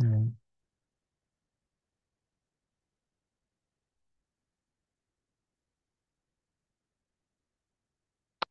हम्म।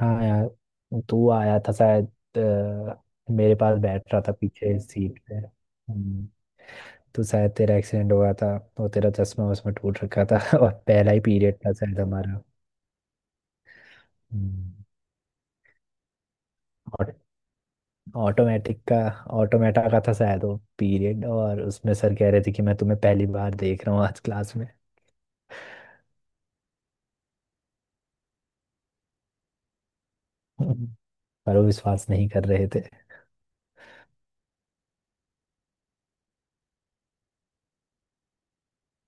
हाँ यार, तू आया था शायद। अ, मेरे पास बैठ रहा था पीछे सीट पे। तो शायद तेरा एक्सीडेंट हो गया था और तेरा चश्मा उसमें टूट रखा था। और पहला ही पीरियड था शायद हमारा। हम्म, और ऑटोमेटिक का ऑटोमेटा का था शायद वो पीरियड, और उसमें सर कह रहे थे कि मैं तुम्हें पहली बार देख रहा हूँ आज क्लास में। हम्म, पर वो विश्वास नहीं कर रहे थे।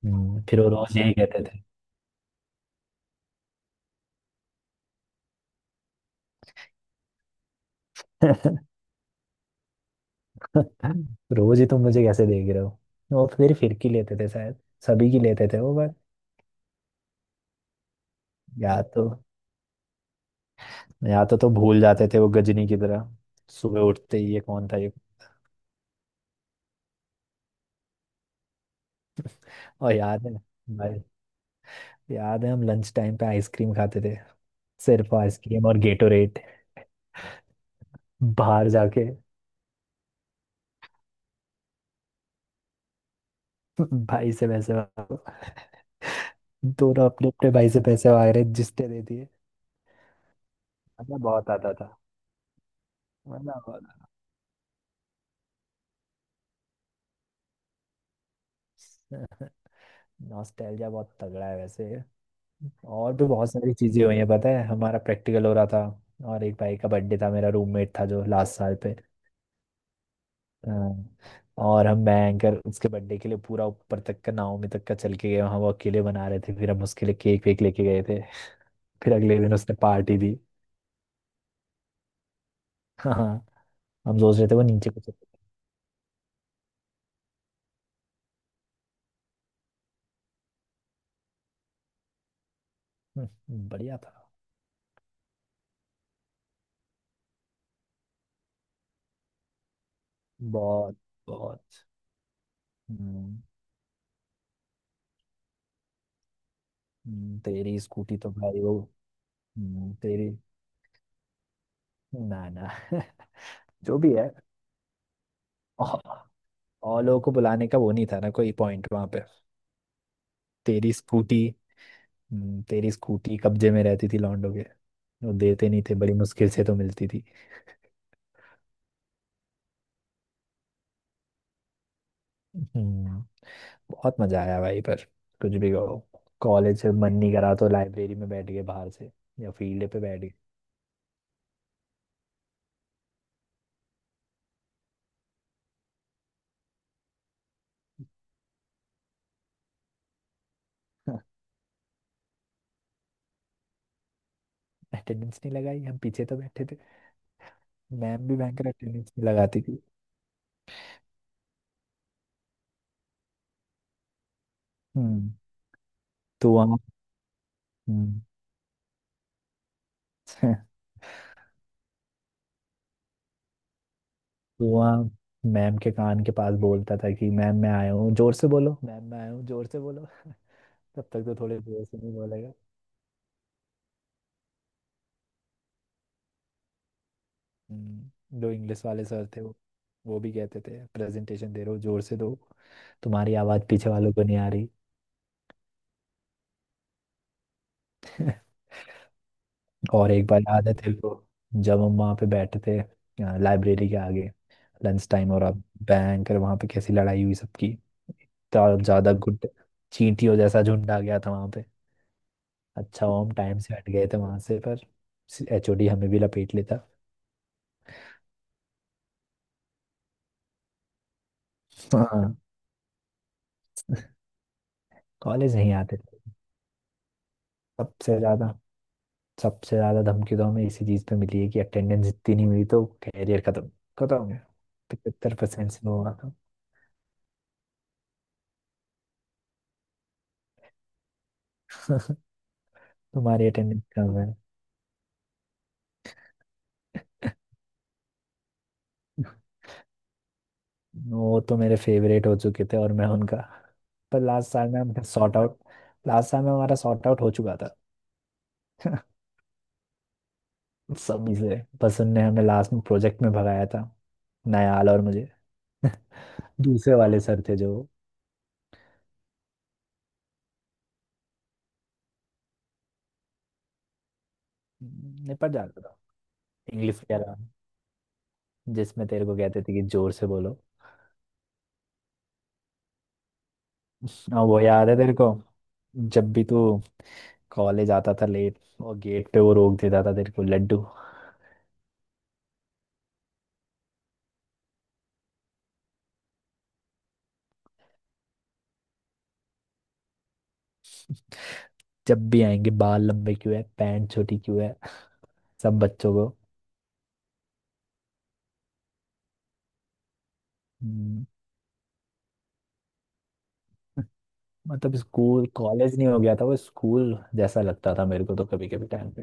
फिर वो रोज यही कहते थे। रोज ही तुम मुझे कैसे देख रहे हो। वो फिर फिरकी लेते थे शायद, सभी की लेते थे वो। बट या तो या तो तो भूल जाते थे वो गजनी की तरह, सुबह उठते ही ये कौन था ये। और याद है भाई, याद है हम लंच टाइम पे आइसक्रीम खाते थे, सिर्फ आइसक्रीम और गेटोरेट, बाहर जाके। भाई से पैसे मांगो। दोनों अपने अपने भाई से पैसे मांग रहे जिसने दे दिए। मजा बहुत आता था, मजा बहुत। नॉस्टैल्जिया बहुत तगड़ा है वैसे। और भी बहुत सारी चीजें हुई हैं। पता है, हमारा प्रैक्टिकल हो रहा था और एक भाई का बर्थडे था, मेरा रूममेट था जो लास्ट साल पे। हाँ, और हम मैं एंकर उसके बर्थडे के लिए पूरा ऊपर तक का नावमी तक का चल के गए। वहाँ वो अकेले बना रहे थे, फिर हम उसके लिए केक वेक लेके गए थे। फिर अगले दिन उसने पार्टी दी। हाँ हाँ, हम सोच रहे थे वो नीचे कुछ। बढ़िया था। बहुत बहुत। हम्म, तेरी स्कूटी तो भाई वो। तेरी, ना ना। जो भी है। और लोगों को बुलाने का वो नहीं था ना, कोई पॉइंट वहां पे। तेरी स्कूटी। तेरी स्कूटी कब्जे में रहती थी लौंडों के, वो देते नहीं थे, बड़ी मुश्किल से तो मिलती थी। हम्म, बहुत मजा आया भाई। पर कुछ भी कहो, कॉलेज से मन नहीं करा तो लाइब्रेरी में बैठ गए बाहर से, या फील्ड पे बैठ गए। अटेंडेंस नहीं लगाई, हम पीछे तो बैठे थे। मैम भी भयंकर अटेंडेंस नहीं लगाती थी। हम्म तो वहाँ हम्म कुआ, मैम के कान के पास बोलता था कि मैम मैं आया हूँ, जोर से बोलो मैम मैं आया हूँ, जोर से बोलो। तब तक तो थोड़े जोर से नहीं बोलेगा। जो इंग्लिश वाले सर थे, वो भी कहते थे प्रेजेंटेशन दे रहे हो जोर से दो, तुम्हारी आवाज़ पीछे वालों को नहीं आ रही। और एक बार याद है तेरे को, जब हम वहाँ पे बैठे थे लाइब्रेरी के आगे लंच टाइम, और अब भयंकर वहाँ पे कैसी लड़ाई हुई सबकी, इतना ज़्यादा गुट, चींटियों जैसा झुंड आ गया था वहाँ। अच्छा हुआ हम टाइम से हट गए थे वहां से, पर एचओडी हमें भी लपेट लेता। हाँ, कॉलेज नहीं आते थे। सबसे ज्यादा सबसे ज्यादा धमकी तो हमें इसी चीज पे मिली है कि अटेंडेंस इतनी नहीं हुई तो कैरियर खत्म, खत्म। 75% परसेंट से हुआ था। तुम्हारी अटेंडेंस कम है। वो तो मेरे फेवरेट हो चुके थे और मैं उनका। पर लास्ट साल में हमने सॉर्ट आउट, लास्ट साल में हमारा सॉर्ट आउट हो चुका था। सभी से। बस उनने हमें लास्ट में प्रोजेक्ट में भगाया था, नयाल और मुझे। दूसरे वाले सर थे जो निपट जाता था, इंग्लिश वगैरह, जिसमें तेरे को कहते थे कि जोर से बोलो। और वो याद है तेरे को, जब भी तू कॉलेज आता था लेट, और गेट पे वो रोक देता था तेरे को, लड्डू। जब भी आएंगे बाल लंबे क्यों है, पैंट छोटी क्यों है, सब बच्चों को। हम्म, मतलब स्कूल कॉलेज नहीं हो गया था, वो स्कूल जैसा लगता था मेरे को तो कभी कभी टाइम पे।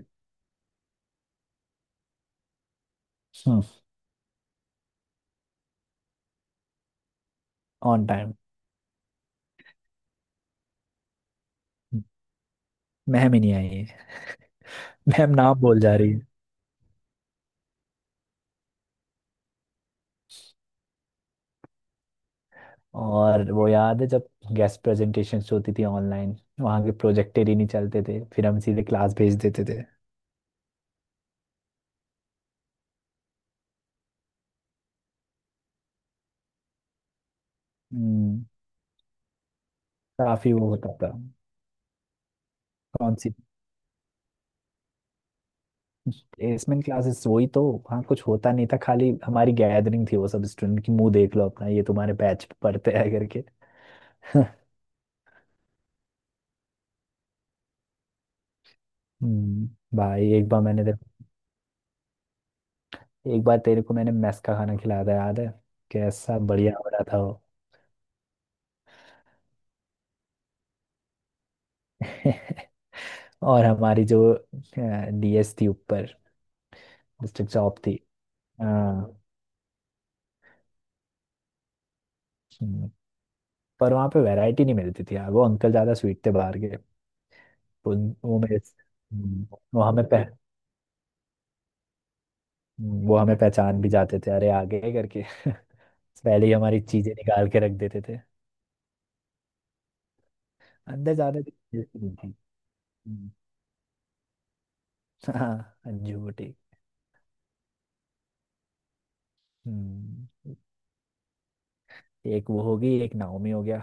हम्म ऑन टाइम। मैम ही नहीं आई है। मैम नाम बोल जा रही है। और वो याद है जब गेस्ट प्रेजेंटेशंस होती थी ऑनलाइन, वहाँ के प्रोजेक्टर ही नहीं चलते थे, फिर हम सीधे क्लास भेज देते थे। हम्म, काफी वो होता था। कौन सी। प्लेसमेंट क्लासेस वही तो, वहाँ कुछ होता नहीं था, खाली हमारी गैदरिंग थी वो, सब स्टूडेंट की मुंह देख लो अपना, ये तुम्हारे बैच पढ़ते हैं करके। हम्म, भाई एक बार मैंने तेरे, एक बार तेरे को मैंने मेस का खाना खिलाया था याद है, कैसा बढ़िया हो रहा था वो। और हमारी जो डीएस थी ऊपर, डिस्ट्रिक्ट जॉब थी। हाँ। हम्म, पर वहाँ पे वैरायटी नहीं मिलती थी यार, वो अंकल ज़्यादा स्वीट थे बाहर के। तो उन- वो मेरे वो हमें पह, वो हमें पहचान भी जाते थे, अरे आ गए करके। पहले ही हमारी चीज़ें निकाल के रख देते थे। अंदर ज़्यादा भी टेस्ट नहीं थी। हम्म, हाँ, अंजू बुटीक। हम्म, एक वो होगी, एक नाओमी हो गया।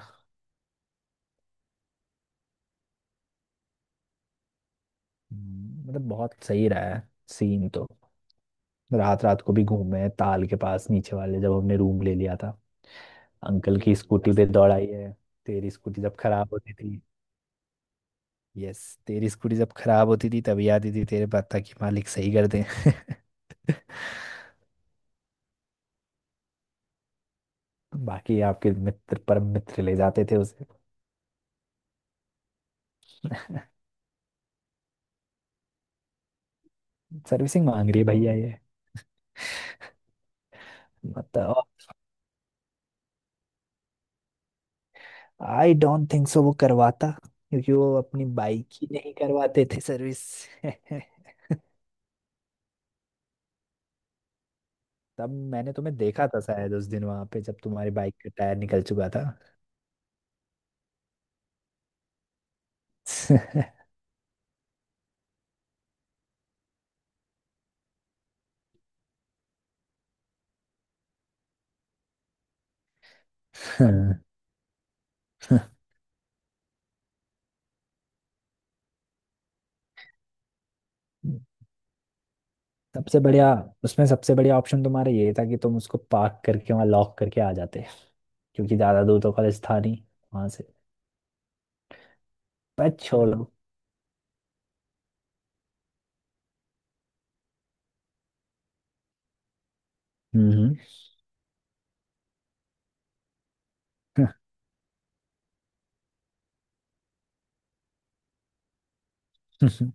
मतलब बहुत सही रहा है सीन तो, रात रात को भी घूमे हैं, ताल के पास नीचे वाले जब हमने रूम ले लिया था। अंकल की स्कूटी पे दौड़ाई है, तेरी स्कूटी जब खराब होती थी। यस, तेरी स्कूटी जब खराब होती थी तभी आती थी तेरे पास, ताकि मालिक सही कर दे। बाकी आपके मित्र परम मित्र ले जाते थे उसे। सर्विसिंग मांग रही है भैया ये, मतलब। आई डोंट थिंक सो वो करवाता, क्योंकि वो अपनी बाइक ही नहीं करवाते थे सर्विस। तब मैंने तुम्हें देखा था शायद उस दिन वहां पे, जब तुम्हारी बाइक का टायर निकल चुका था। सबसे बढ़िया। उसमें सबसे बढ़िया ऑप्शन तुम्हारा ये था कि तुम उसको पार्क करके वहाँ लॉक करके आ जाते, क्योंकि ज्यादा दूर तो कॉलेज था नहीं वहां से। पर छोड़ो। हम्म। हम्म।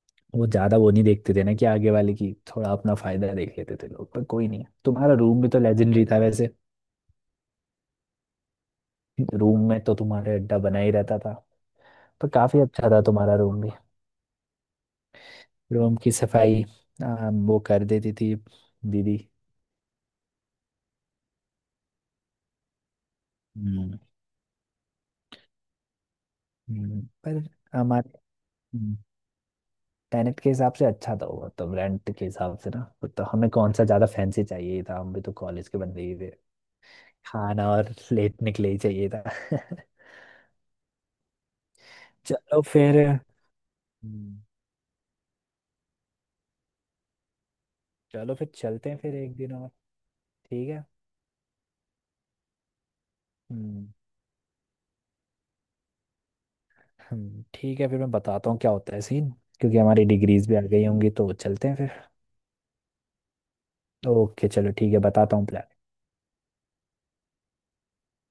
वो ज्यादा वो नहीं देखते थे ना, कि आगे वाले की थोड़ा अपना फायदा देख लेते थे लोग, पर कोई नहीं, तुम्हारा रूम भी तो लेजेंडरी था वैसे। रूम में तो तुम्हारे अड्डा बना ही रहता था। पर काफी अच्छा था तुम्हारा रूम भी। रूम की सफाई, वो कर देती थी दीदी। हम्म पर हमारे। हम्म। टेनेट के हिसाब से अच्छा था वो तो, रेंट के हिसाब से ना, वो तो हमें कौन सा ज्यादा फैंसी चाहिए ही था, हम भी तो कॉलेज के बंदे ही थे, खाना और लेटने के लिए ही चाहिए था। चलो फिर। हम्म, चलो फिर चलते हैं फिर, एक दिन और। ठीक है। हम्म ठीक है फिर मैं बताता हूँ क्या होता है सीन, क्योंकि हमारी डिग्रीज भी आ गई होंगी तो चलते हैं फिर। ओके चलो ठीक है, बताता हूँ प्लान।